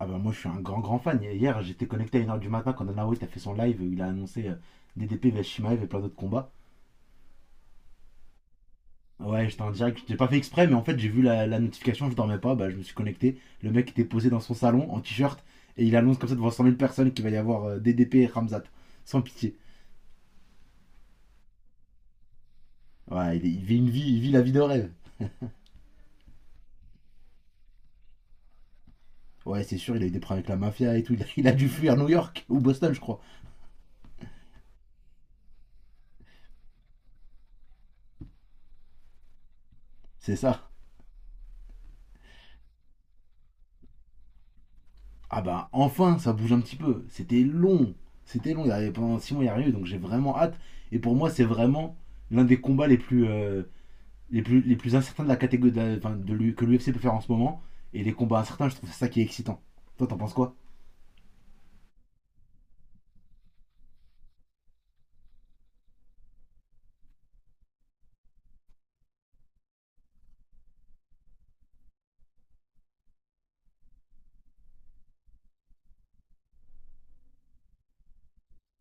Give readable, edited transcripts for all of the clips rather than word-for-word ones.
Ah bah moi je suis un grand fan. Hier j'étais connecté à 1 heure du matin quand Dana White a fait son live, il a annoncé DDP vs Shimaev et plein d'autres combats. Ouais j'étais en direct, j'ai pas fait exprès mais en fait j'ai vu la notification, je dormais pas, bah je me suis connecté. Le mec était posé dans son salon en t-shirt et il annonce comme ça devant 100 000 personnes qu'il va y avoir DDP et Ramzat. Sans pitié. Ouais il vit une vie, il vit la vie de rêve. Ouais c'est sûr il a eu des problèmes avec la mafia et tout, il a dû fuir New York ou Boston je crois. C'est ça. Ah bah enfin, ça bouge un petit peu. C'était long. Il y avait pendant 6 mois, il n'y a rien eu. Donc j'ai vraiment hâte. Et pour moi, c'est vraiment l'un des combats les plus incertains de la catégorie enfin, que l'UFC peut faire en ce moment. Et les combats incertains, je trouve ça qui est excitant. Toi, t'en penses quoi?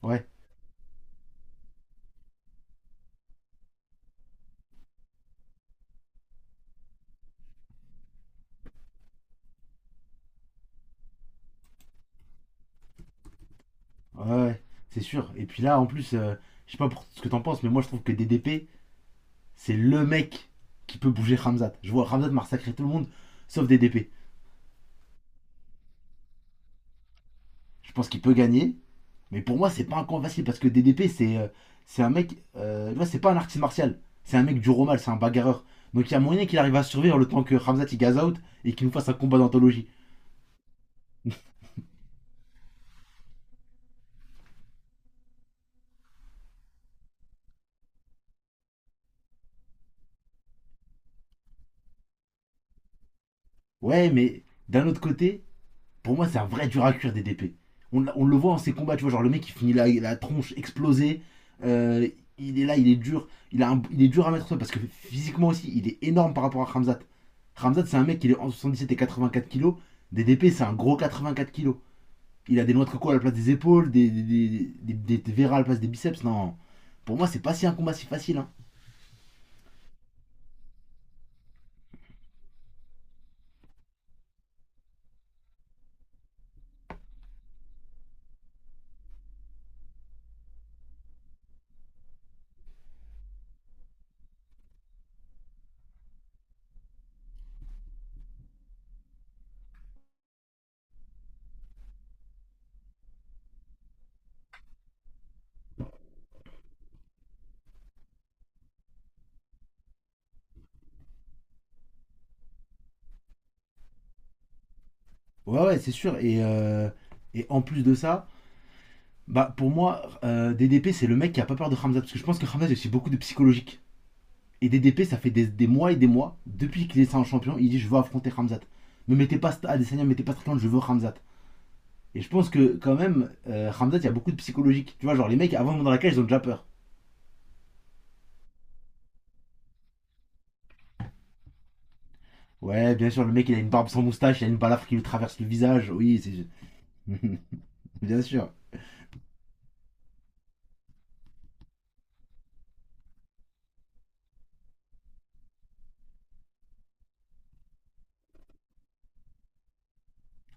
Ouais. Ouais, ouais, c'est sûr. Et puis là, en plus, je sais pas pour ce que t'en penses, mais moi, je trouve que DDP, c'est le mec qui peut bouger Ramzat. Je vois Ramzat massacrer tout le monde, sauf DDP. Je pense qu'il peut gagner. Mais pour moi, c'est pas un combat facile parce que DDP, c'est un mec. Tu vois, c'est pas un artiste martial. C'est un mec du romal, c'est un bagarreur. Donc il y a moyen qu'il arrive à survivre le temps que Ramzat il gaze out et qu'il nous fasse un combat d'anthologie. Ouais, mais d'un autre côté, pour moi, c'est un vrai dur à cuire DDP. On le voit en ses combats, tu vois, genre le mec il finit la tronche explosée. euh, il est là, il est dur. Il est dur à mettre au sol parce que physiquement aussi, il est énorme par rapport à Ramzat. Ramzat, c'est un mec qui est en 77 et 84 kilos. DDP, c'est un gros 84 kilos. Il a des noix de coco à la place des épaules, verras à la place des biceps. Non, pour moi, c'est pas si un combat si facile, hein. Ouais, ouais, c'est sûr. Et en plus de ça, bah, pour moi, DDP, c'est le mec qui a pas peur de Hamza. Parce que je pense que Hamza, il y a aussi beaucoup de psychologique. Et DDP, ça fait des mois et des mois, depuis qu'il est ça en champion, il dit: je veux affronter Hamzat. Ne mettez pas Adesanya, ne mettez pas Strickland, je veux Hamzat. Et je pense que, quand même, Hamzat, il y a beaucoup de psychologique. Tu vois, genre, les mecs, avant de monter dans la cage, ils ont déjà peur. Ouais, bien sûr, le mec, il a une barbe sans moustache, il a une balafre qui lui traverse le visage. Oui, c'est- Bien sûr.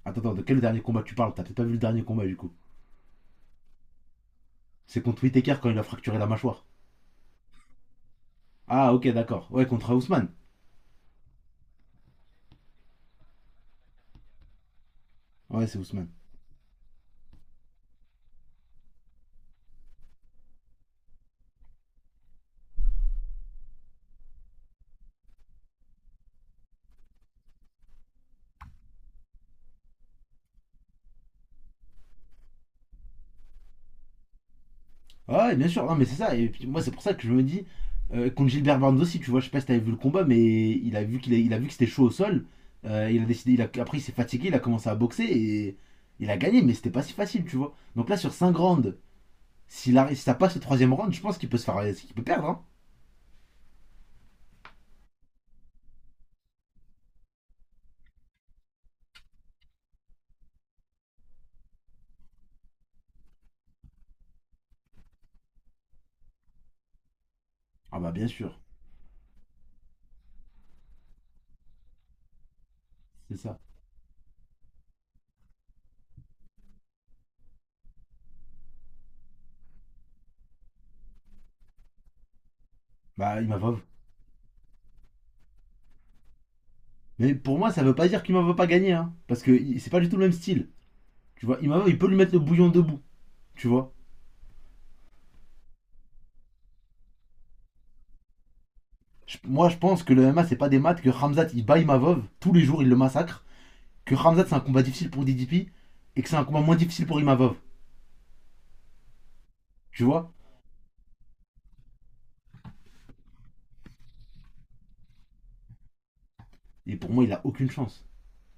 Attends, attends, de quel dernier combat tu parles? T'as peut-être pas vu le dernier combat du coup. C'est contre Whittaker quand il a fracturé la mâchoire. Ah, ok, d'accord. Ouais, contre Ousmane. Ouais, c'est Ousmane. Ouais, bien sûr. Non, mais c'est ça. Et puis moi, c'est pour ça que je me dis. Contre Gilbert Burns aussi, tu vois, je sais pas si t'avais vu le combat, mais il a vu il a vu que c'était chaud au sol. Il a décidé, il a, Après il s'est fatigué, il a commencé à boxer et il a gagné, mais c'était pas si facile, tu vois. Donc là, sur 5 rounds, si ça passe le 3e round, je pense qu'il peut perdre, hein. Ah bah bien sûr, c'est ça. Bah il m'a pas. Mais pour moi, ça veut pas dire qu'Imava va pas gagner, hein, parce que c'est pas du tout le même style. Tu vois, Imavov, il peut lui mettre le bouillon debout, tu vois. Moi, je pense que le MMA, c'est pas des maths, que Ramzat, il bat Imavov, tous les jours, il le massacre, que Ramzat, c'est un combat difficile pour DDP, et que c'est un combat moins difficile pour Imavov, tu vois. Et pour moi, il a aucune chance.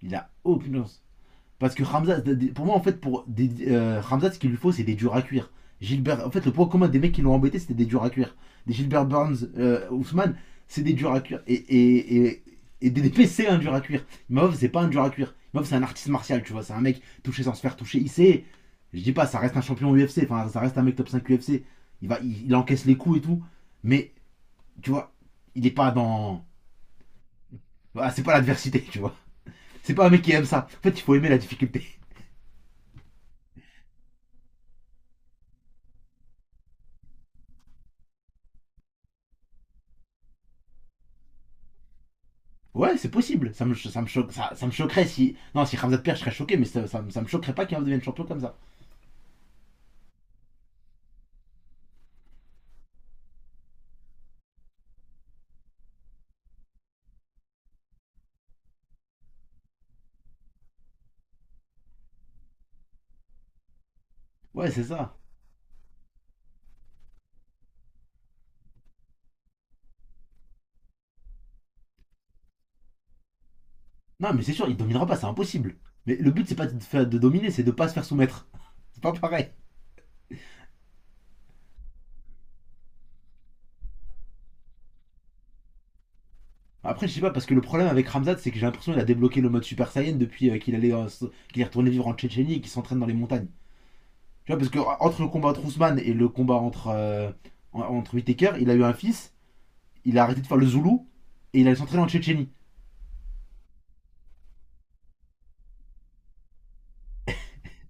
Il a aucune chance. Parce que Ramzat, pour moi, en fait, Ramzat, ce qu'il lui faut, c'est des durs à cuire. Gilbert, en fait, le point commun des mecs qui l'ont embêté, c'était des durs à cuire. Des Gilbert Burns, Ousmane, c'est des durs à cuire. Et DDP, c'est un dur à cuire. Imov, c'est pas un dur à cuire. Imov, c'est un artiste martial, tu vois. C'est un mec touché sans se faire toucher. Il sait, je dis pas, ça reste un champion UFC. Enfin, ça reste un mec top 5 UFC. Il encaisse les coups et tout. Mais, tu vois, il est pas dans. Ah, c'est pas l'adversité, tu vois. C'est pas un mec qui aime ça. En fait, il faut aimer la difficulté. Ouais, c'est possible. Ça me, cho- ça, me choque- ça me choquerait si. Non, si Ramzat perd, je serais choqué, mais ça me choquerait pas qu'il devienne champion comme ça. Ouais, c'est ça. Non, mais c'est sûr, il dominera pas, c'est impossible. Mais le but, c'est pas de dominer, c'est de pas se faire soumettre. C'est pas pareil. Après, je sais pas, parce que le problème avec Ramzat, c'est que j'ai l'impression qu'il a débloqué le mode Super Saiyan depuis qu'il est retourné vivre en Tchétchénie et qu'il s'entraîne dans les montagnes. Tu vois, parce que entre le combat entre Ousmane et le combat entre Whittaker, il a eu un fils, il a arrêté de faire le Zoulou et il allait s'entraîner en Tchétchénie.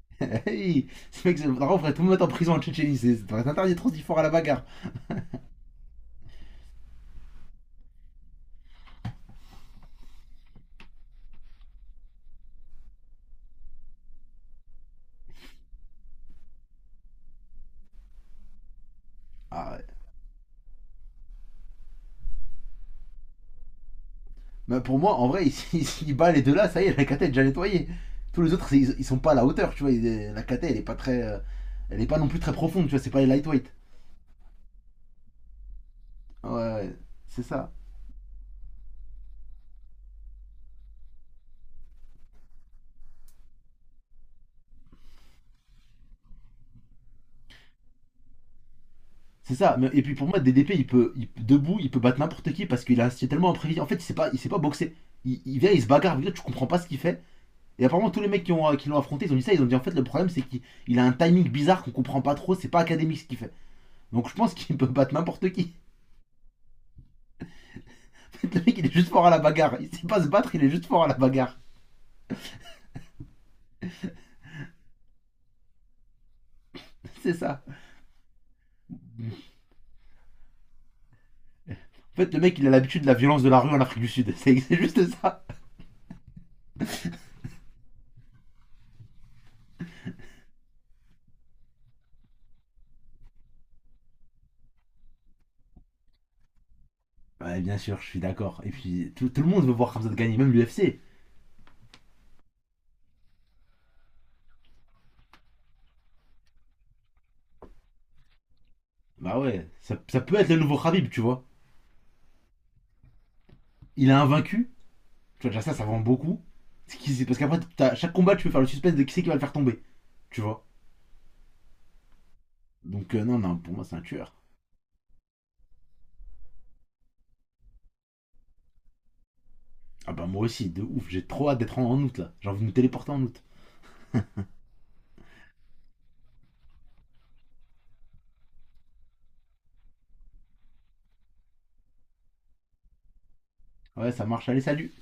Hey, en vrai, on devrait tout le mettre en prison en Tchétchénie, c'est ça devrait être interdit trop si fort à la bagarre. Ah, ouais. Bah, pour moi, en vrai, s'il bat les deux là, ça y est, la cata est déjà nettoyée. Tous les autres, ils sont pas à la hauteur, tu vois. La cata, elle est pas très. Elle est pas non plus très profonde, tu vois, c'est pas les lightweight. Ouais, ouais, c'est ça. C'est ça. Mais- Et puis pour moi, DDP, debout, il peut battre n'importe qui parce qu'il a c'est tellement imprévisible. En fait, il sait pas boxer. Il vient, il se bagarre, avec l'autre, tu comprends pas ce qu'il fait. Et apparemment, tous les mecs qui l'ont affronté, ils ont dit ça, ils ont dit en fait, le problème, c'est qu'il il a un timing bizarre qu'on comprend pas trop, c'est pas académique ce qu'il fait. Donc je pense qu'il peut battre n'importe qui. En fait, le mec, il est juste fort à la bagarre. Il sait pas se battre, il est juste fort à la bagarre. C'est ça. En fait, le mec, il a l'habitude de la violence de la rue en Afrique du Sud. C'est juste ça. Ouais, bien sûr, je suis d'accord. Et puis, tout le monde veut voir Khamzat gagner, même l'UFC. Bah ouais, ça peut être le nouveau Khabib, tu vois. Il est invaincu. Tu vois, déjà ça vend beaucoup. Parce qu'après, chaque combat, tu peux faire le suspense de qui c'est qui va le faire tomber, tu vois. Donc, non, pour moi, c'est un tueur. Ah bah moi aussi, de ouf, j'ai trop hâte d'être en août, là. J'ai envie de me téléporter en août. Ouais, ça marche, allez, salut